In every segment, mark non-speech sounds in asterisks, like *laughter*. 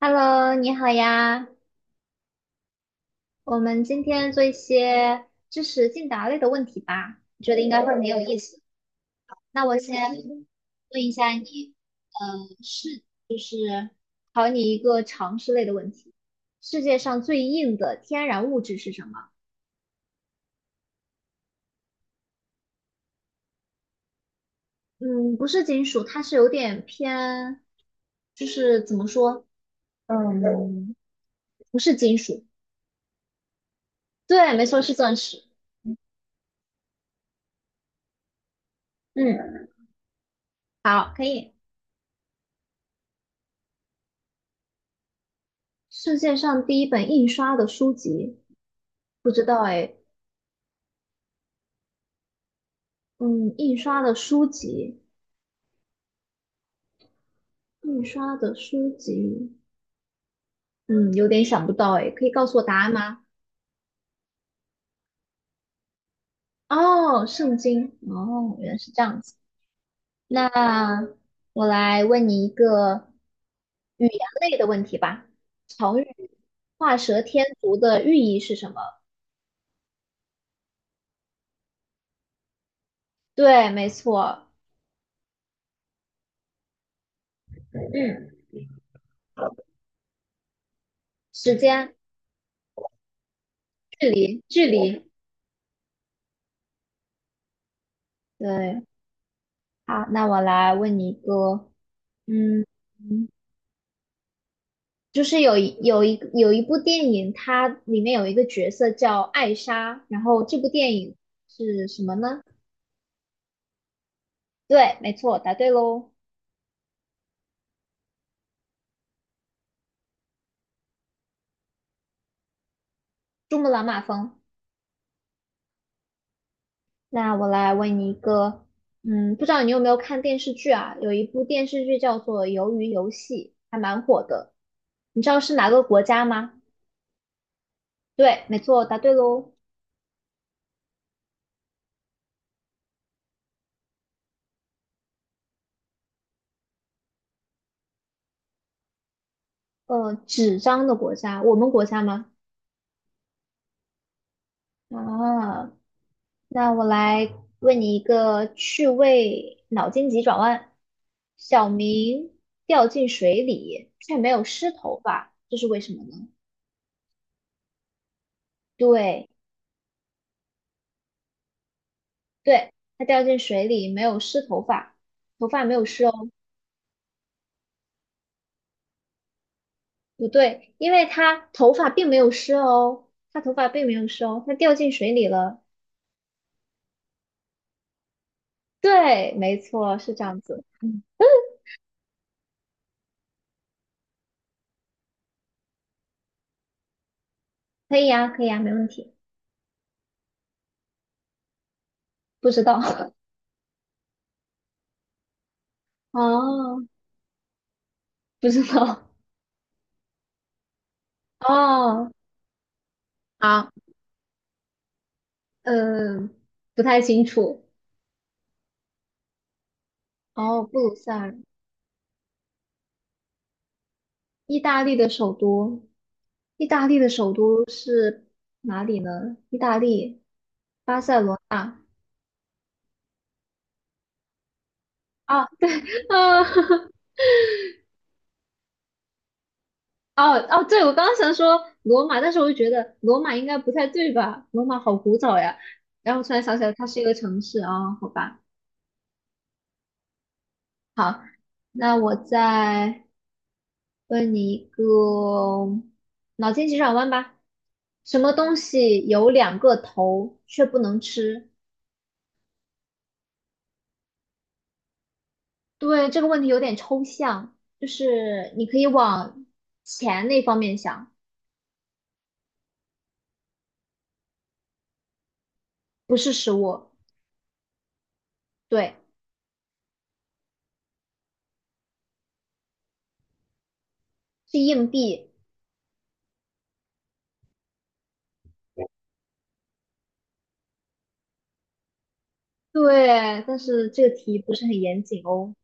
Hello，你好呀，我们今天做一些知识竞答类的问题吧，我觉得应该会很有意思。那我先问一下你，呃，是就是考你一个常识类的问题，世界上最硬的天然物质是什么？嗯，不是金属，它是有点偏，就是怎么说，嗯，不是金属。对，没错，是钻石。嗯，好，可以。世界上第一本印刷的书籍。不知道哎，嗯，印刷的书籍，印刷的书籍，嗯，有点想不到哎，可以告诉我答案吗？哦，圣经，哦，原来是这样子。那我来问你一个语言类的问题吧。成语"画蛇添足"的寓意是什么？对，没错，嗯，时间、距离、距离，对。好，那我来问你一个，嗯。就是有一部电影，它里面有一个角色叫艾莎，然后这部电影是什么呢？对，没错，答对喽，《珠穆朗玛峰》。那我来问你一个，不知道你有没有看电视剧啊？有一部电视剧叫做《鱿鱼游戏》，还蛮火的。你知道是哪个国家吗？对，没错，答对喽。纸张的国家，我们国家吗？啊，那我来问你一个趣味脑筋急转弯：小明掉进水里却没有湿头发，这是为什么呢？对，对，他掉进水里没有湿头发，头发没有湿哦。不对，因为他头发并没有湿哦，他头发并没有湿哦，他掉进水里了。对，没错，是这样子。嗯，可以呀，可以呀，没问题。不知道 *laughs* 哦，不知道 *laughs* 哦。好，嗯，不太清楚。哦，布鲁塞尔，意大利的首都。意大利的首都是哪里呢？意大利，巴塞罗那。啊啊 *laughs* 哦哦，对，我刚刚想说罗马，但是我就觉得罗马应该不太对吧？罗马好古早呀。然后突然想起来，它是一个城市啊、哦好吧。好，那我在。问你一个脑筋急转弯吧，什么东西有两个头却不能吃？对，这个问题有点抽象，就是你可以往钱那方面想，不是食物，对，是硬币，对，但是这个题不是很严谨哦。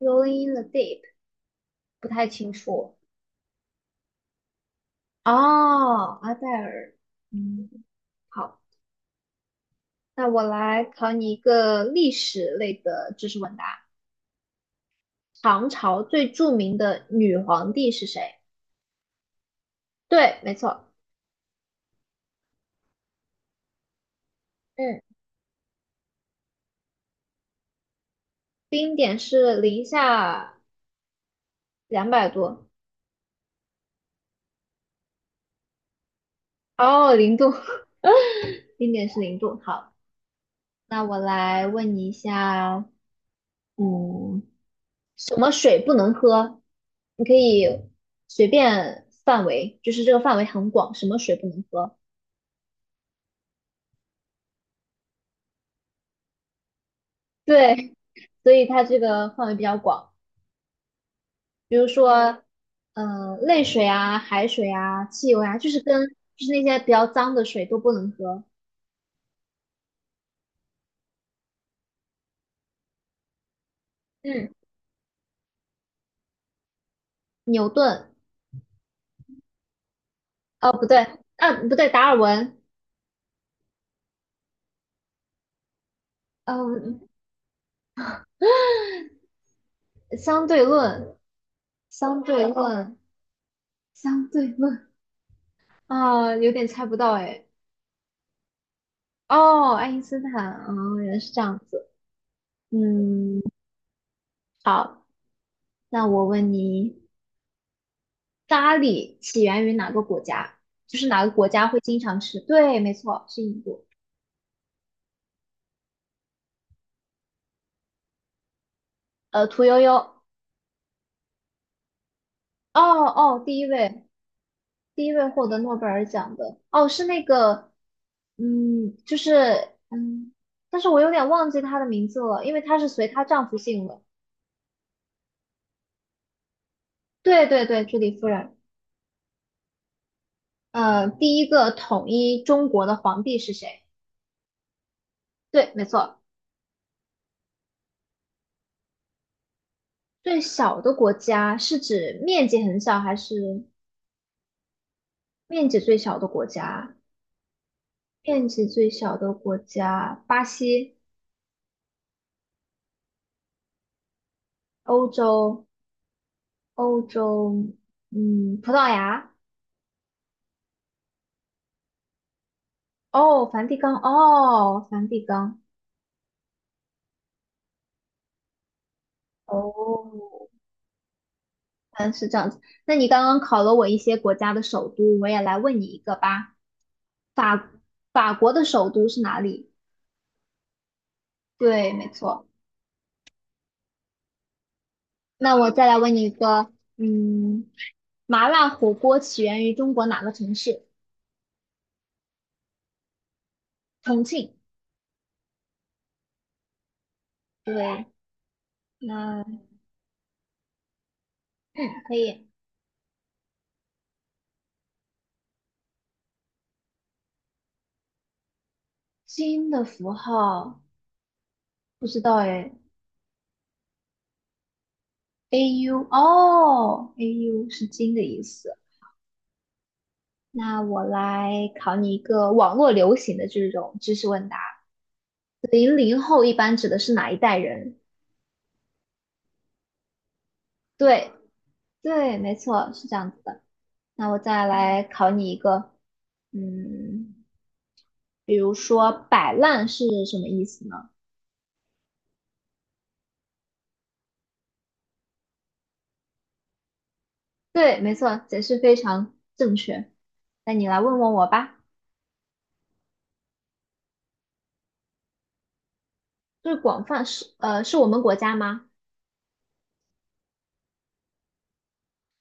Rolling in the deep，不太清楚。哦，阿黛尔，嗯，好，那我来考你一个历史类的知识问答。唐朝最著名的女皇帝是谁？对，没错，嗯，冰点是零下200度，哦，零度，冰点是零度。好，那我来问你一下，嗯，什么水不能喝？你可以随便范围，就是这个范围很广，什么水不能喝？对，所以它这个范围比较广。比如说，泪水啊、海水啊、汽油啊，就是跟就是那些比较脏的水都不能喝。嗯牛顿，哦，不对，不对，达尔文，嗯、相对论，相对论，相对论，*laughs* 啊、有点猜不到哎。哦，爱因斯坦，哦，原来是这样子。嗯，好，那我问你，咖喱起源于哪个国家？就是哪个国家会经常吃？对，没错，是印度。屠呦呦。哦哦，第一位，第一位获得诺贝尔奖的，哦，是那个，就是，但是我有点忘记她的名字了，因为她是随她丈夫姓了。对对对，居里夫人，第一个统一中国的皇帝是谁？对，没错，最小的国家是指面积很小，还是面积最小的国家？面积最小的国家，巴西，欧洲，欧洲，葡萄牙。哦，梵蒂冈，哦，梵蒂冈，哦，嗯，是这样子。那你刚刚考了我一些国家的首都，我也来问你一个吧。法法国的首都是哪里？对，没错。那我再来问你一个，麻辣火锅起源于中国哪个城市？重庆。对，那可以。金的符号不知道哎，AU 哦，AU 是金的意思。那我来考你一个网络流行的这种知识问答。00后一般指的是哪一代人？对，对，没错，是这样子的。那我再来考你一个，嗯，比如说摆烂是什么意思呢？对，没错，解释非常正确。那你来问问我吧，这广泛是我们国家吗？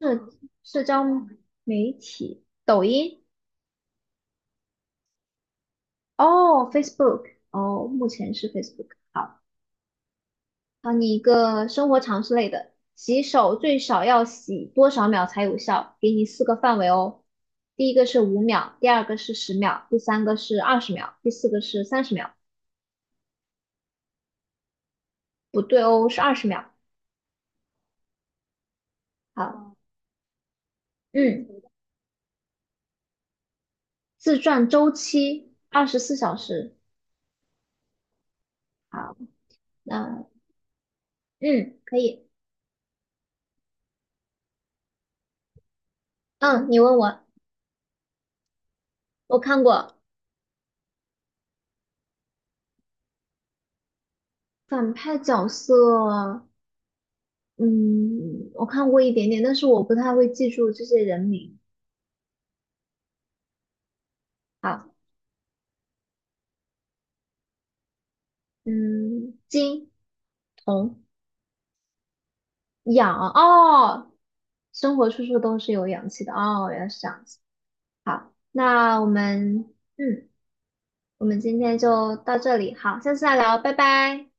是社交媒体，抖音，哦，Facebook，哦，目前是 Facebook。好。好，你一个生活常识类的，洗手最少要洗多少秒才有效？给你四个范围哦。第一个是5秒，第二个是十秒，第三个是二十秒，第四个是30秒。不对哦，是二十秒。好，嗯，自转周期24小时。好，那嗯，可以。嗯，你问我，我看过反派角色，嗯，我看过一点点，但是我不太会记住这些人名。好，嗯，金。氧哦，生活处处都是有氧气的哦，原来是这样子。好，那我们今天就到这里，好，下次再聊，拜拜。